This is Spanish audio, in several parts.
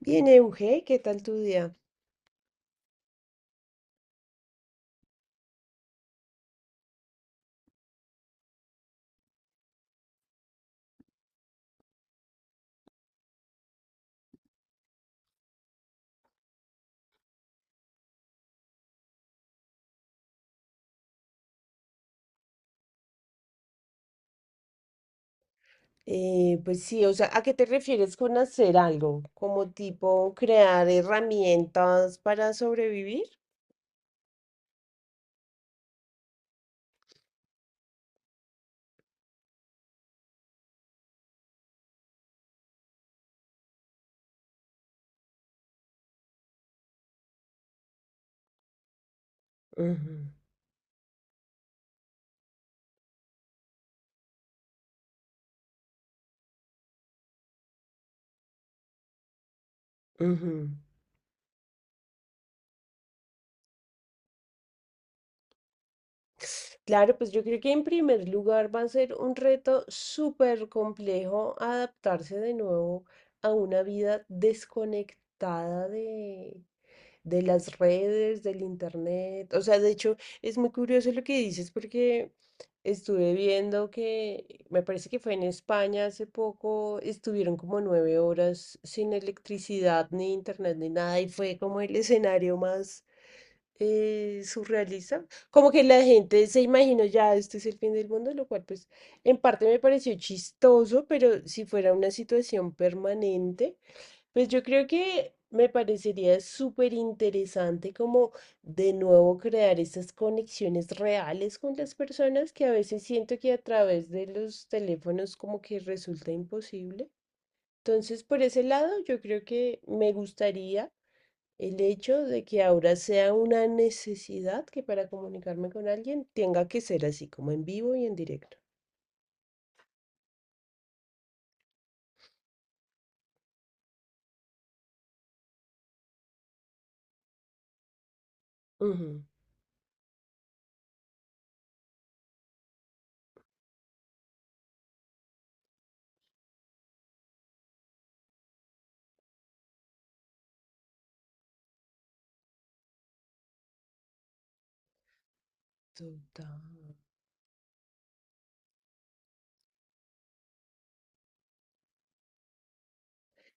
Bien, Euge, ¿qué tal tu día? Pues sí, o sea, ¿a qué te refieres con hacer algo? ¿Como tipo crear herramientas para sobrevivir? Ujú, ujú. Claro, pues yo creo que en primer lugar va a ser un reto súper complejo adaptarse de nuevo a una vida desconectada de las redes, del internet. O sea, de hecho, es muy curioso lo que dices porque estuve viendo que, me parece que fue en España hace poco, estuvieron como 9 horas sin electricidad, ni internet, ni nada, y fue como el escenario más surrealista. Como que la gente se imaginó ya, este es el fin del mundo, lo cual pues en parte me pareció chistoso, pero si fuera una situación permanente. Pues yo creo que me parecería súper interesante como de nuevo crear esas conexiones reales con las personas que a veces siento que a través de los teléfonos como que resulta imposible. Entonces, por ese lado, yo creo que me gustaría el hecho de que ahora sea una necesidad que para comunicarme con alguien tenga que ser así, como en vivo y en directo. Ujú. Total.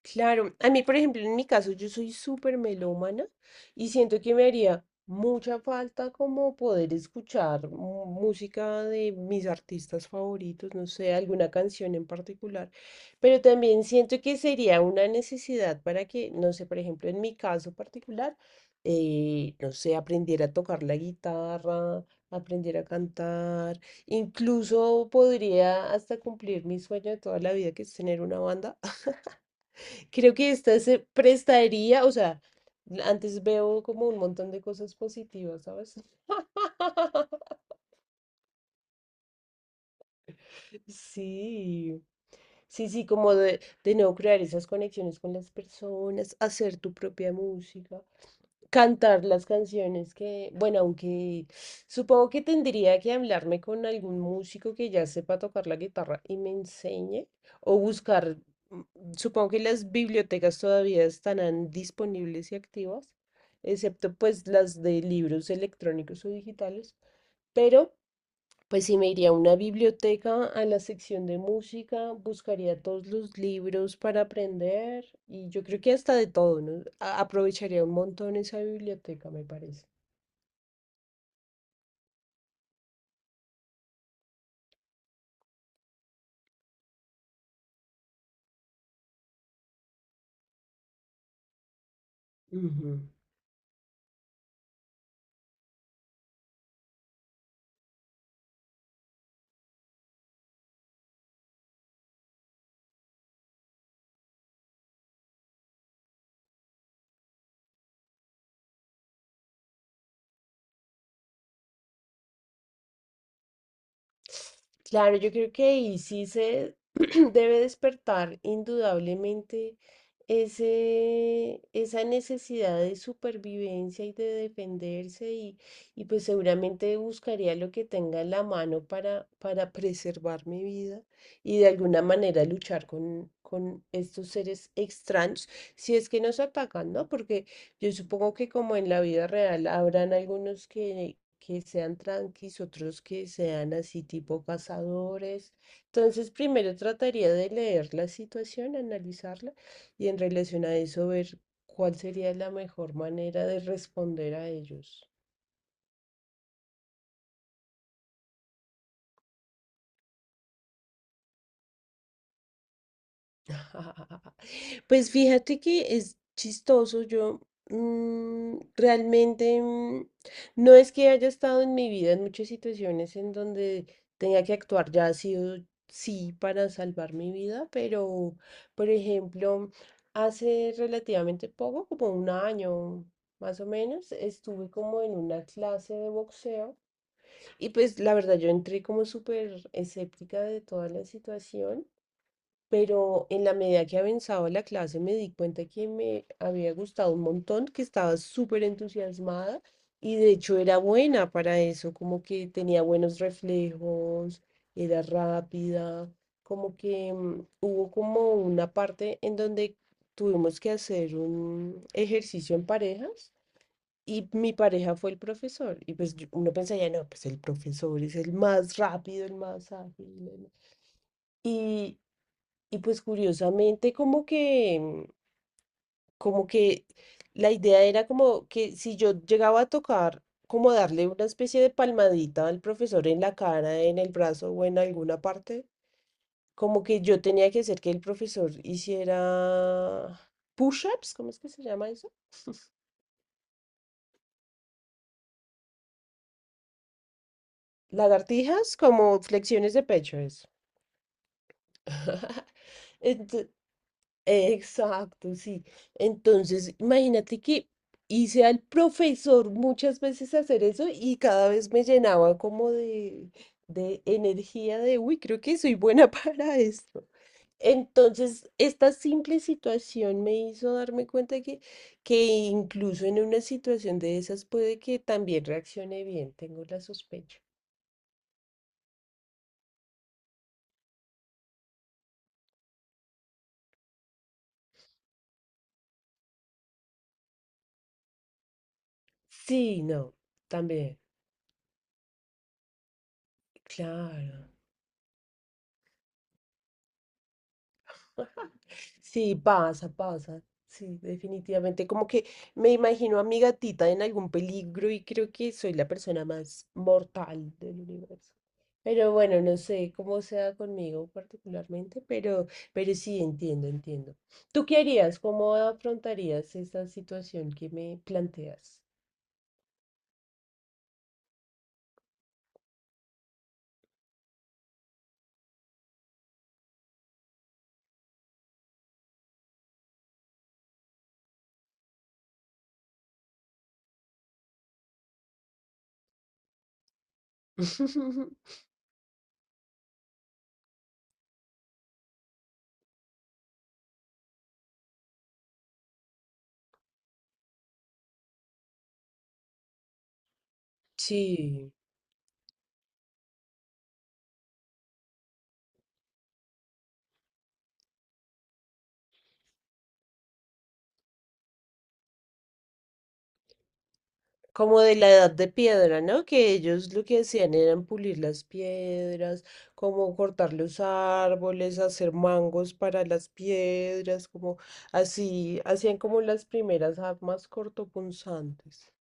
Claro, a mí, por ejemplo, en mi caso, yo soy súper melómana y siento que me haría mucha falta como poder escuchar música de mis artistas favoritos, no sé, alguna canción en particular, pero también siento que sería una necesidad para que, no sé, por ejemplo, en mi caso particular, no sé, aprender a tocar la guitarra, aprender a cantar, incluso podría hasta cumplir mi sueño de toda la vida, que es tener una banda. Creo que esta se prestaría, o sea, antes veo como un montón de cosas positivas, ¿sabes? Sí, sí, sí, como de nuevo crear esas conexiones con las personas, hacer tu propia música. Cantar las canciones que, bueno, aunque supongo que tendría que hablarme con algún músico que ya sepa tocar la guitarra y me enseñe, o buscar. Supongo que las bibliotecas todavía estarán disponibles y activas, excepto pues las de libros electrónicos o digitales, pero pues sí, me iría a una biblioteca, a la sección de música, buscaría todos los libros para aprender y yo creo que hasta de todo, ¿no? Aprovecharía un montón esa biblioteca, me parece. Ujú. Claro, yo creo que ahí sí se debe despertar indudablemente esa necesidad de supervivencia y de defenderse y pues seguramente buscaría lo que tenga en la mano para preservar mi vida y de alguna manera luchar con estos seres extraños si es que nos atacan, ¿no? Porque yo supongo que como en la vida real habrán algunos que sean tranquis, otros que sean así tipo cazadores. Entonces, primero trataría de leer la situación, analizarla y en relación a eso ver cuál sería la mejor manera de responder a ellos. Pues fíjate que es chistoso. Yo realmente no es que haya estado en mi vida en muchas situaciones en donde tenga que actuar, ya ha sido sí para salvar mi vida, pero por ejemplo, hace relativamente poco, como 1 año más o menos, estuve como en una clase de boxeo. Y pues la verdad, yo entré como súper escéptica de toda la situación, pero en la medida que avanzaba la clase me di cuenta que me había gustado un montón, que estaba súper entusiasmada y de hecho era buena para eso, como que tenía buenos reflejos, era rápida, como que hubo como una parte en donde tuvimos que hacer un ejercicio en parejas. Y mi pareja fue el profesor. Y pues uno pensaría, no, pues el profesor es el más rápido, el más ágil. Y, y pues curiosamente como que, como que la idea era como que si yo llegaba a tocar, como darle una especie de palmadita al profesor en la cara, en el brazo o en alguna parte, como que yo tenía que hacer que el profesor hiciera push-ups, ¿cómo es que se llama eso? Lagartijas, como flexiones de pecho, eso. Ento- Exacto, sí. Entonces, imagínate que hice al profesor muchas veces hacer eso y cada vez me llenaba como de energía de, uy, creo que soy buena para esto. Entonces, esta simple situación me hizo darme cuenta que incluso en una situación de esas puede que también reaccione bien, tengo la sospecha. Sí, no, también, claro. Sí, pasa, pasa. Sí, definitivamente. Como que me imagino a mi gatita en algún peligro y creo que soy la persona más mortal del universo. Pero bueno, no sé cómo sea conmigo particularmente, pero sí entiendo, entiendo. ¿Tú qué harías? ¿Cómo afrontarías esa situación que me planteas? Sí. Como de la edad de piedra, ¿no? Que ellos lo que hacían eran pulir las piedras, como cortar los árboles, hacer mangos para las piedras, como así, hacían como las primeras armas cortopunzantes.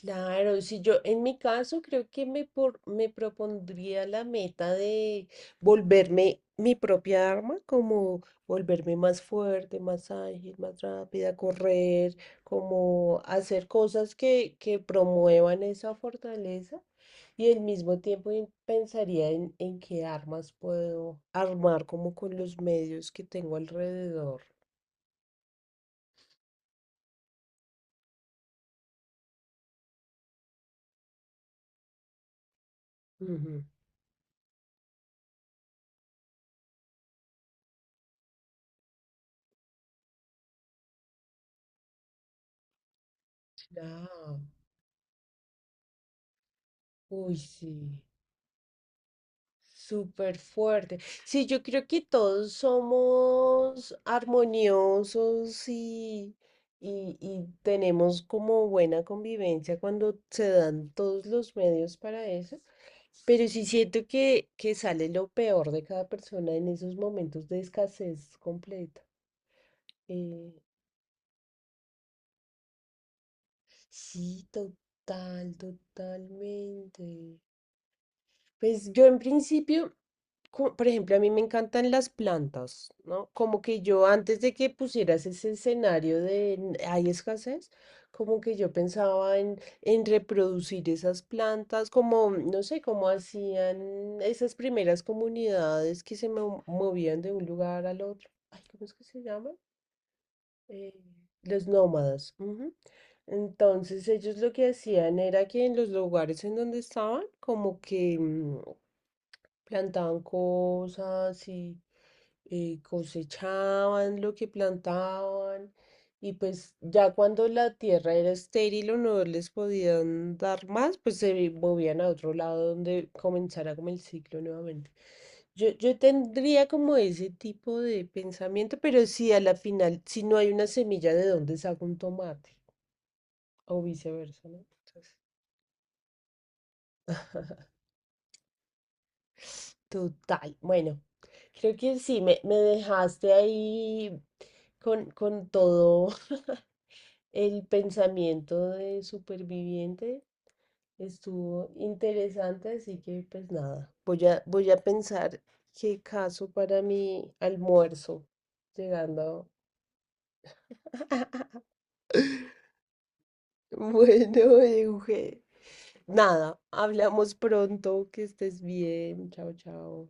Claro, si yo en mi caso creo que me propondría la meta de volverme mi propia arma, como volverme más fuerte, más ágil, más rápida, correr, como hacer cosas que promuevan esa fortaleza y al mismo tiempo pensaría en qué armas puedo armar como con los medios que tengo alrededor. Ujú. Claro, uy, sí. Súper fuerte. Sí, yo creo que todos somos armoniosos y tenemos como buena convivencia cuando se dan todos los medios para eso. Pero sí siento que sale lo peor de cada persona en esos momentos de escasez completa. Eh, sí, total, totalmente. Pues yo en principio, por ejemplo, a mí me encantan las plantas, ¿no? Como que yo antes de que pusieras ese escenario de hay escasez, como que yo pensaba en reproducir esas plantas, como, no sé, como hacían esas primeras comunidades que movían de un lugar al otro. Ay, ¿cómo es que se llama? Eh, los nómadas. Ujú. Entonces ellos lo que hacían era que en los lugares en donde estaban, como que plantaban cosas y cosechaban lo que plantaban y pues ya cuando la tierra era estéril o no les podían dar más, pues se movían a otro lado donde comenzara como el ciclo nuevamente. Yo tendría como ese tipo de pensamiento, pero si a la final, si no hay una semilla, ¿de dónde saco un tomate? O viceversa, ¿no? Entonces, total. Bueno, creo que sí, me dejaste ahí con todo el pensamiento de superviviente. Estuvo interesante, así que pues nada, voy a, voy a pensar qué caso para mi almuerzo llegando. Bueno, Euge. Nada, hablamos pronto, que estés bien. Chao, chao.